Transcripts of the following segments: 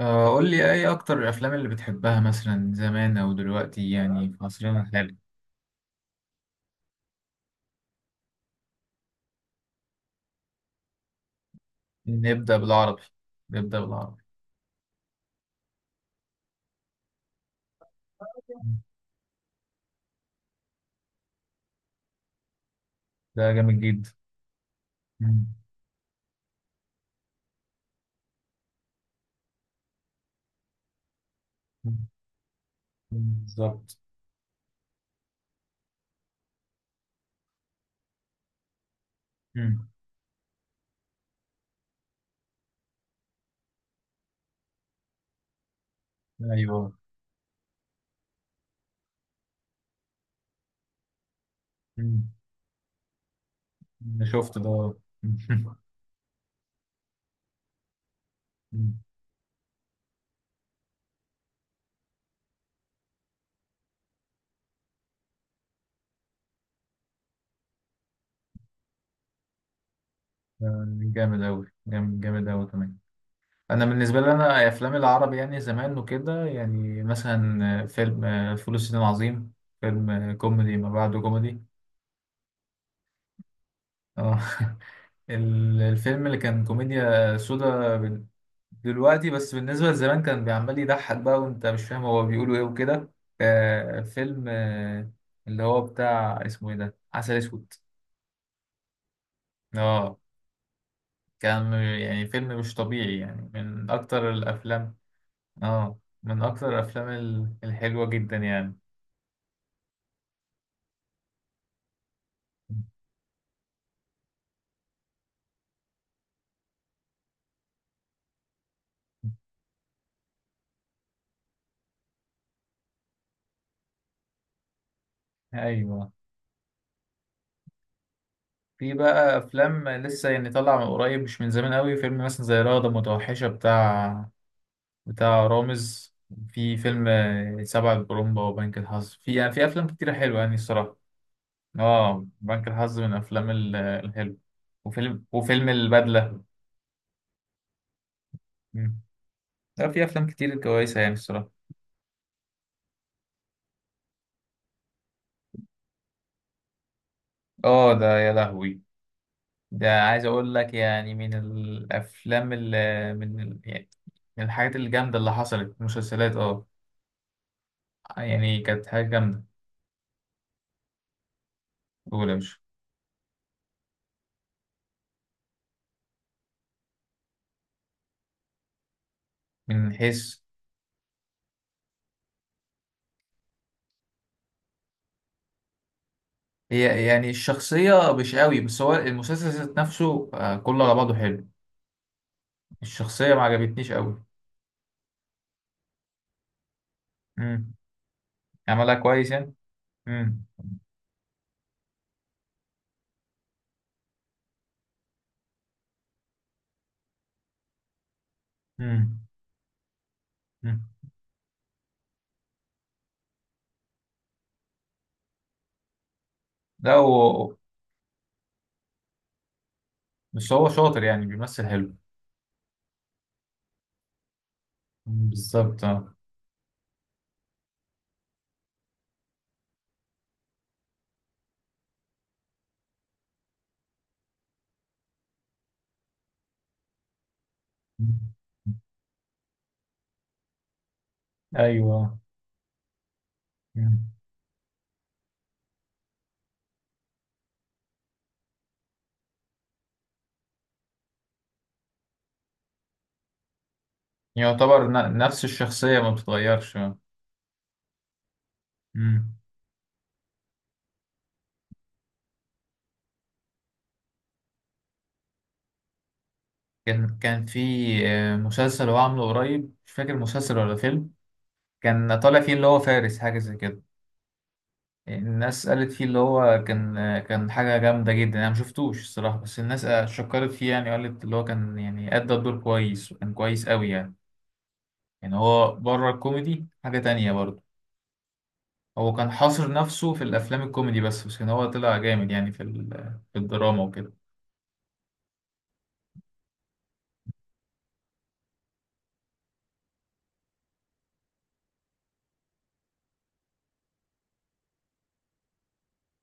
آه، قول لي ايه اكتر الافلام اللي بتحبها مثلا زمان او دلوقتي يعني في عصرنا الحالي. نبدا بالعربي. نبدا بالعربي. ده جامد جدا. مم. مم. بالظبط. مم. ايوه. مم. انا شفت ده. مم. آه، جامد اوي جامد اوي كمان. انا بالنسبه لي افلام العربي يعني زمان وكده يعني مثلا فيلم فول الصين العظيم. فيلم كوميدي ما بعده كوميدي. اه. الفيلم اللي كان كوميديا سودا دلوقتي، بس بالنسبة لزمان كان بيعمل يضحك بقى وانت مش فاهم هو بيقولوا ايه وكده. آه، فيلم آه، اللي هو بتاع اسمه ايه ده، عسل اسود. اه، كان يعني فيلم مش طبيعي يعني، من اكتر الافلام. اه، من اكتر الافلام الحلوة جدا يعني. ايوه. في بقى افلام لسه يعني طالعه من قريب، مش من زمان قوي، فيلم مثلا زي رغده متوحشه بتاع، بتاع رامز. في فيلم سبع البرومبا وبنك الحظ. في يعني في افلام كتيره حلوه يعني الصراحه. اه، بنك الحظ من الافلام الحلوه. وفيلم البدله. مم. لا، في افلام كتير كويسه يعني الصراحه. اه ده يا لهوي. ده عايز اقول لك يعني من الافلام اللي، يعني من الحاجات الجامده اللي حصلت، مسلسلات اه. يعني كانت حاجه جامده. قول يا باشا. من حيث. هي يعني الشخصية مش قوي، بس هو المسلسل ذات نفسه كله على بعضه حلو. الشخصية ما عجبتنيش قوي. امم. عملها كويس يعني. امم. امم. أمم. لا، هو هو شاطر يعني، بيمثل حلو. أمم، بالظبط اه. أمم. ايوه. أمم. يعتبر نفس الشخصية ما بتتغيرش آه. أمم. كان في مسلسل هو عامله قريب، مش فاكر مسلسل ولا فيلم، كان طالع فيه اللي هو فارس حاجة زي كده. الناس قالت فيه اللي هو كان حاجة جامدة جدا. أنا مشفتوش الصراحة، بس الناس شكرت فيه يعني، قالت اللي هو كان يعني أدى الدور كويس وكان كويس أوي يعني. يعني هو بره الكوميدي حاجة تانية برضه. هو كان حاصر نفسه في الأفلام الكوميدي بس كان هو طلع جامد يعني في في الدراما وكده.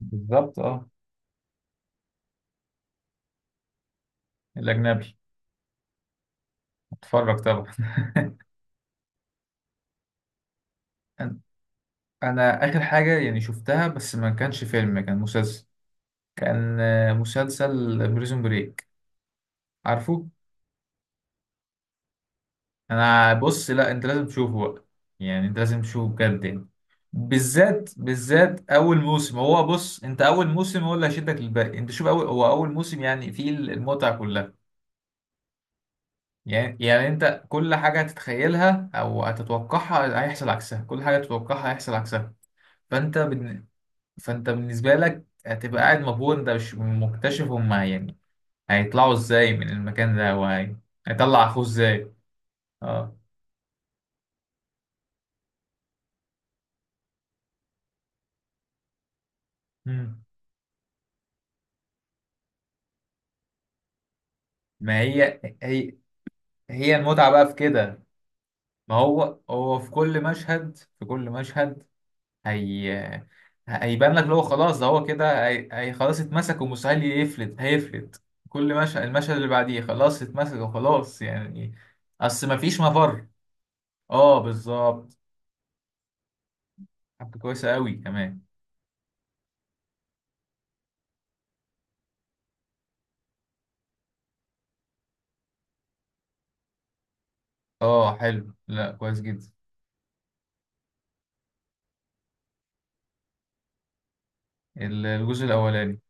بالظبط اه. الأجنبي. اتفرج طبعا. أنا أنا آخر حاجة يعني شفتها، بس ما كانش فيلم، كان مسلسل. كان مسلسل بريزون بريك. عارفه؟ انا بص، لا انت لازم تشوفه بقى، يعني انت لازم تشوفه بجد يعني. بالذات اول موسم. هو بص، انت اول موسم هو اللي هيشدك للباقي. انت شوف اول، هو اول موسم يعني فيه المتعه كلها. يعني انت كل حاجه هتتخيلها او هتتوقعها هيحصل عكسها، كل حاجه تتوقعها هيحصل عكسها. فانت بن... فانت بالنسبه لك هتبقى قاعد مبهور، انت مش مكتشف هما يعني هيطلعوا ازاي من المكان ده وهيطلع اخوه ازاي. اه. مم. ما هي هي، هي المتعة بقى في كده. ما هو هو في كل مشهد، في كل مشهد هي، هيبان لك اللي هو خلاص ده هو كده، هي خلاص اتمسك، ومستحيل يفلت هيفلت. كل مشهد، المشهد اللي بعديه خلاص اتمسك وخلاص يعني. اصل ما فيش مفر. اه بالظبط. حبكة كويسة قوي كمان. اه حلو، لا كويس جدا. الجزء الاولاني.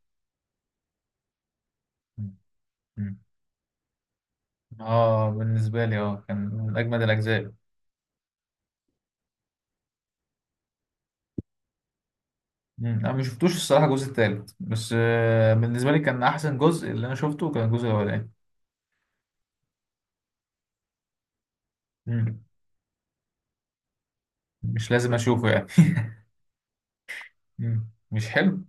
م- م. اه، بالنسبة لي اه كان من اجمد الاجزاء. مم. انا ما شفتوش الصراحه الجزء التالت، بس بالنسبه لي كان احسن جزء اللي انا شفته كان الجزء الاولاني. مم. مش لازم اشوفه يعني. مم. مش حلو.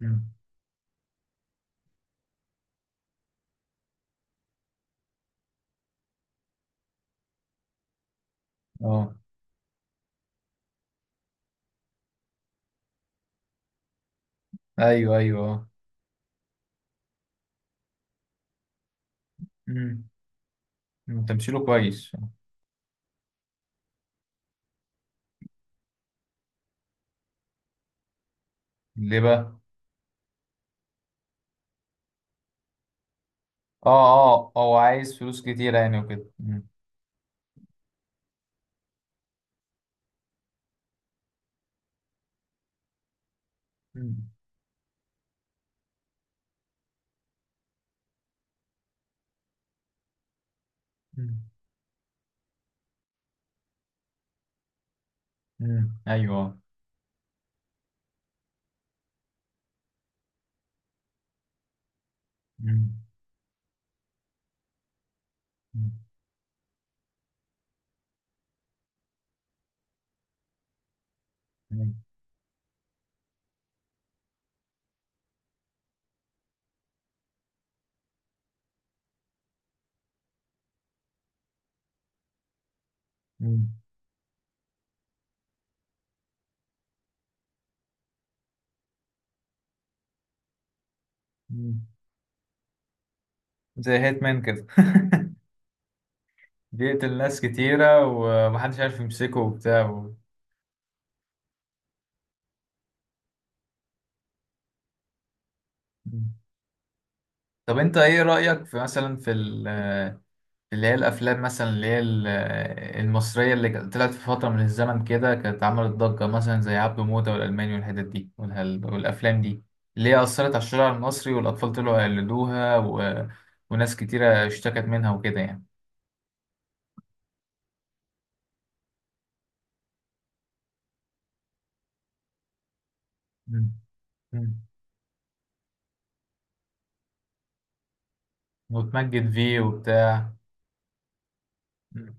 مم. اه. ايوه اه. مم. مم. تمثيله كويس. ليه بقى؟ اه. اه، هو عايز فلوس كتير يعني وكده. مم. مم. مم. مم. ايوه. مم. مم. مم. مم. مم. زي هيتمان كده. بيقتل ناس كتيرة ومحدش عارف يمسكه وبتاع و... طب انت ايه رأيك في مثلا في في اللي هي الافلام مثلا اللي هي المصرية اللي كانت طلعت في فترة من الزمن كده، كانت عملت ضجة مثلا زي عبده موتة والالماني والحتت دي والافلام دي، اللي هي اثرت على الشارع المصري والاطفال طلعوا يقلدوها و... وناس كتيرة اشتكت منها وكده يعني. مم. مم. وتمجد فيه وبتاع. مم.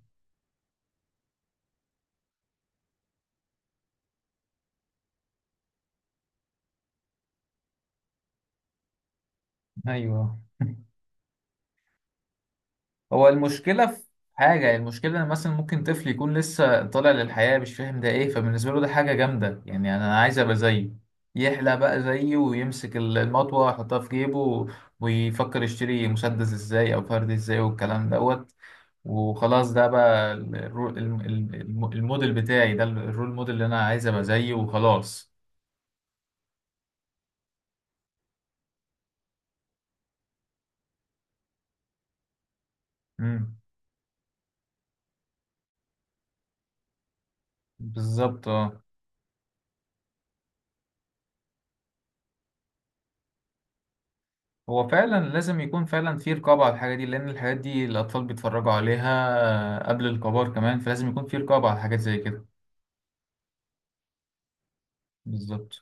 ايوه. هو المشكلة في حاجة يعني، المشكلة إن مثلا ممكن طفل يكون لسه طالع للحياة مش فاهم ده إيه، فبالنسبة له ده حاجة جامدة يعني أنا عايز أبقى زيه، يحلى بقى زيه ويمسك المطوة يحطها في جيبه و- ويفكر يشتري مسدس إزاي أو فرد إزاي والكلام دوت. وخلاص، ده بقى الموديل بتاعي ده، الرول موديل اللي أنا عايز أبقى زيه وخلاص. مم. بالظبط اه. هو فعلا لازم يكون فعلا في رقابة على الحاجة دي، لأن الحاجات دي الأطفال بيتفرجوا عليها قبل الكبار كمان، فلازم يكون في رقابة على حاجات زي كده. بالظبط.